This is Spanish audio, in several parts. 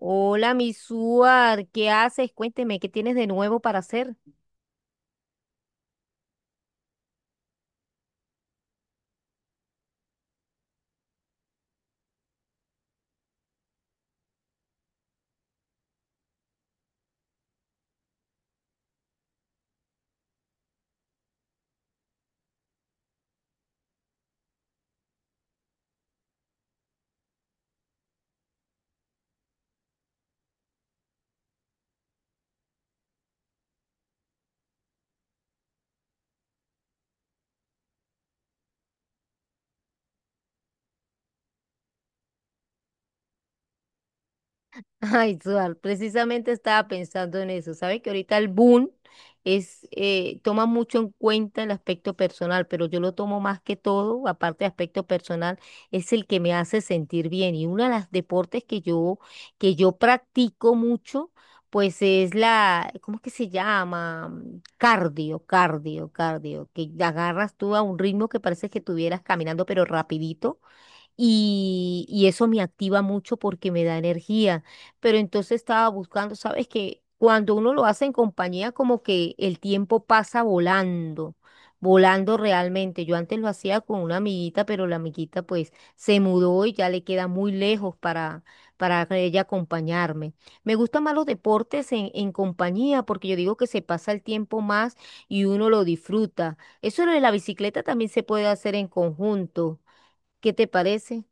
Hola, mi Suar, ¿qué haces? Cuénteme, ¿qué tienes de nuevo para hacer? Ay, Suar, precisamente estaba pensando en eso. Sabes que ahorita el boom es, toma mucho en cuenta el aspecto personal, pero yo lo tomo más que todo, aparte de aspecto personal, es el que me hace sentir bien. Y uno de los deportes que yo practico mucho, pues es ¿cómo es que se llama? Cardio, que agarras tú a un ritmo que parece que estuvieras caminando, pero rapidito y eso me activa mucho porque me da energía. Pero entonces estaba buscando, ¿sabes que cuando uno lo hace en compañía, como que el tiempo pasa volando, volando realmente? Yo antes lo hacía con una amiguita, pero la amiguita pues se mudó y ya le queda muy lejos para ella acompañarme. Me gustan más los deportes en compañía porque yo digo que se pasa el tiempo más y uno lo disfruta. Eso de la bicicleta también se puede hacer en conjunto. ¿Qué te parece?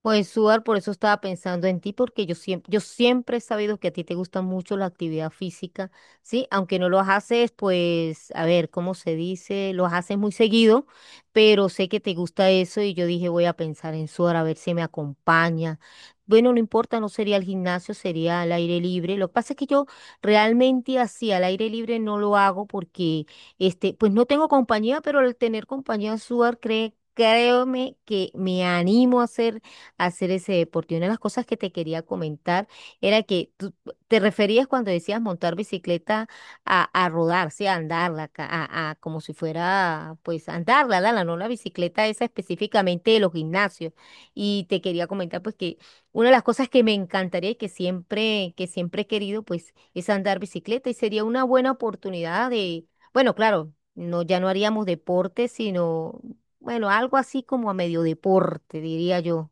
Pues, Suar, por eso estaba pensando en ti, porque yo siempre he sabido que a ti te gusta mucho la actividad física, ¿sí? Aunque no lo haces, pues, a ver, ¿cómo se dice?, lo haces muy seguido, pero sé que te gusta eso y yo dije, voy a pensar en Suar, a ver si me acompaña. Bueno, no importa, no sería el gimnasio, sería al aire libre. Lo que pasa es que yo realmente así, al aire libre no lo hago porque, este, pues no tengo compañía, pero al tener compañía, Suar, créeme que me animo a hacer ese deporte. Y una de las cosas que te quería comentar era que tú te referías cuando decías montar bicicleta a rodar, sí, a andarla, a como si fuera, pues, andarla, no la bicicleta esa específicamente de los gimnasios. Y te quería comentar, pues, que una de las cosas que me encantaría y que siempre he querido, pues, es andar bicicleta y sería una buena oportunidad de, bueno, claro, no, ya no haríamos deporte, sino, bueno, algo así como a medio deporte, diría yo.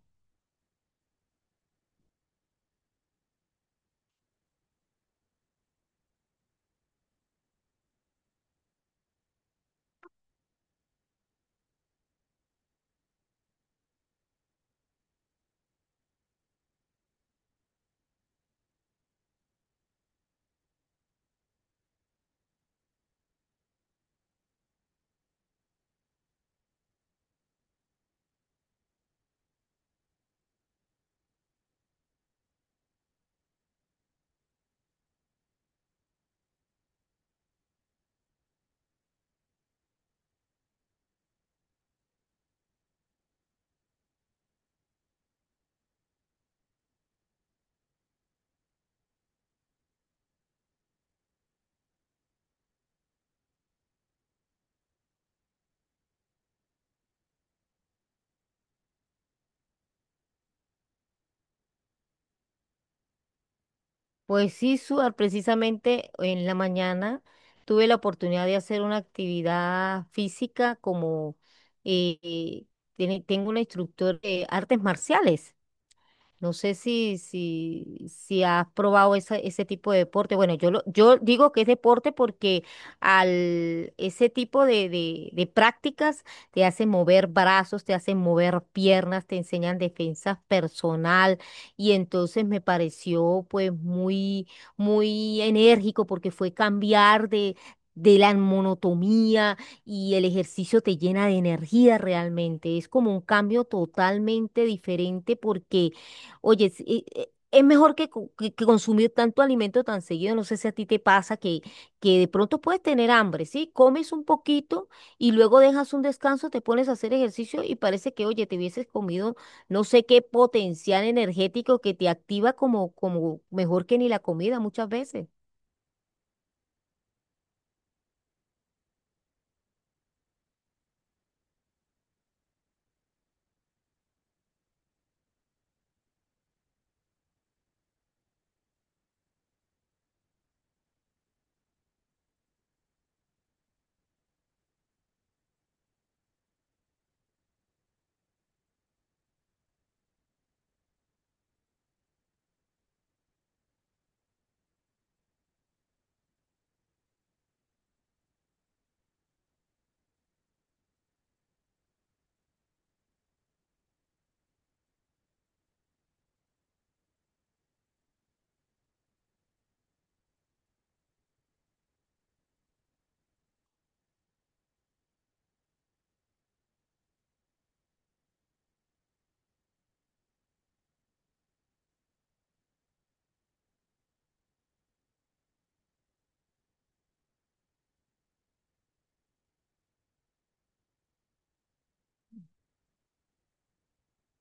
Pues sí, Suar, precisamente en la mañana tuve la oportunidad de hacer una actividad física como eh, tengo una instructora de artes marciales. No sé si has probado ese tipo de deporte. Bueno, yo digo que es deporte porque al ese tipo de prácticas te hacen mover brazos, te hacen mover piernas, te enseñan defensa personal y entonces me pareció pues muy enérgico porque fue cambiar de la monotomía y el ejercicio te llena de energía realmente. Es como un cambio totalmente diferente porque oye, sí, es mejor que, que consumir tanto alimento tan seguido. No sé si a ti te pasa que de pronto puedes tener hambre, ¿sí? Comes un poquito y luego dejas un descanso, te pones a hacer ejercicio y parece que, oye, te hubieses comido no sé qué potencial energético que te activa como, como mejor que ni la comida muchas veces.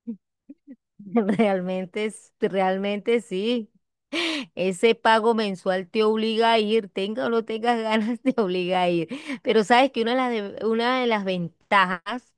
Realmente, realmente sí. Ese pago mensual te obliga a ir, tenga o no tengas ganas, te obliga a ir. Pero sabes que una de una de las ventajas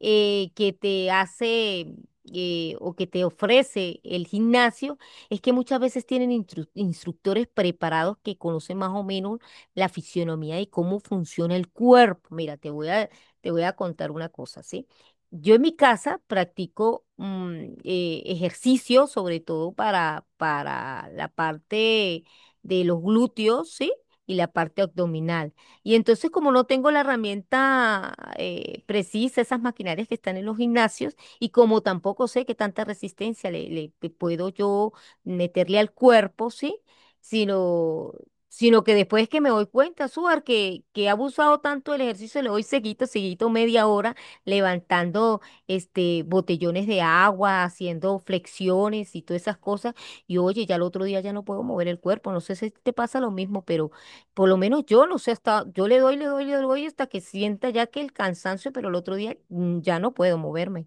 que te hace o que te ofrece el gimnasio es que muchas veces tienen instructores preparados que conocen más o menos la fisionomía y cómo funciona el cuerpo. Mira, te voy a contar una cosa, ¿sí? Yo en mi casa practico ejercicio, sobre todo para la parte de los glúteos, ¿sí? Y la parte abdominal. Y entonces, como no tengo la herramienta precisa, esas maquinarias que están en los gimnasios, y como tampoco sé qué tanta resistencia le puedo yo meterle al cuerpo, ¿sí? Sino, sino que después que me doy cuenta, Suar, que he abusado tanto del ejercicio, le doy seguito media hora, levantando este, botellones de agua, haciendo flexiones y todas esas cosas. Y oye, ya el otro día ya no puedo mover el cuerpo. No sé si te pasa lo mismo, pero por lo menos yo no sé hasta, yo le doy, le doy, le doy hasta que sienta ya que el cansancio, pero el otro día ya no puedo moverme.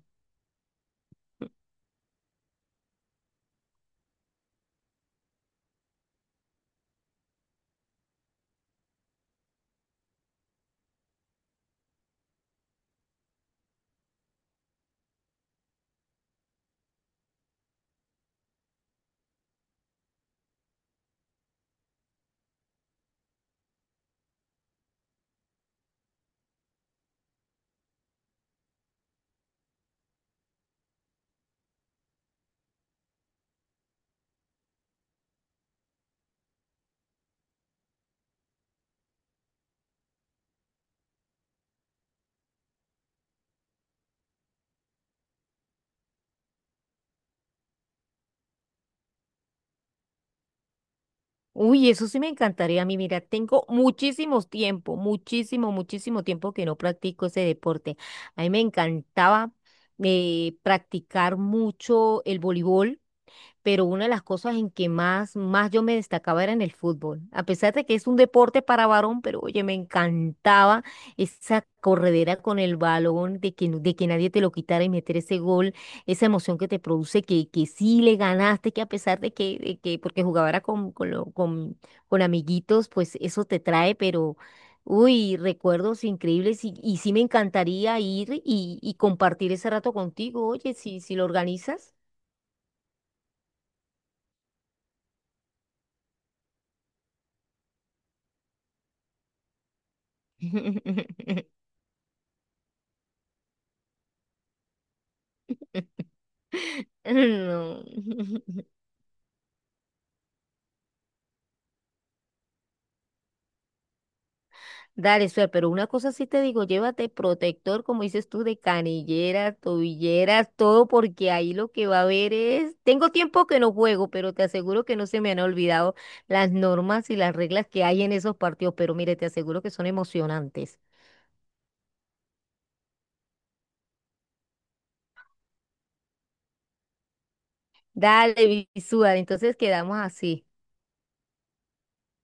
Uy, eso sí me encantaría a mí. Mira, tengo muchísimo tiempo, muchísimo tiempo que no practico ese deporte. A mí me encantaba practicar mucho el voleibol. Pero una de las cosas en que más yo me destacaba era en el fútbol. A pesar de que es un deporte para varón, pero oye, me encantaba esa corredera con el balón, de que nadie te lo quitara y meter ese gol, esa emoción que te produce, que sí le ganaste, que a pesar de que porque jugaba era con amiguitos, pues eso te trae, pero... Uy, recuerdos increíbles y sí me encantaría ir y compartir ese rato contigo. Oye, si, si lo organizas. No. Dale, suerte, pero una cosa sí te digo, llévate protector, como dices tú, de canilleras, tobilleras, todo, porque ahí lo que va a haber es... Tengo tiempo que no juego, pero te aseguro que no se me han olvidado las normas y las reglas que hay en esos partidos, pero mire, te aseguro que son emocionantes. Dale, visual, entonces quedamos así.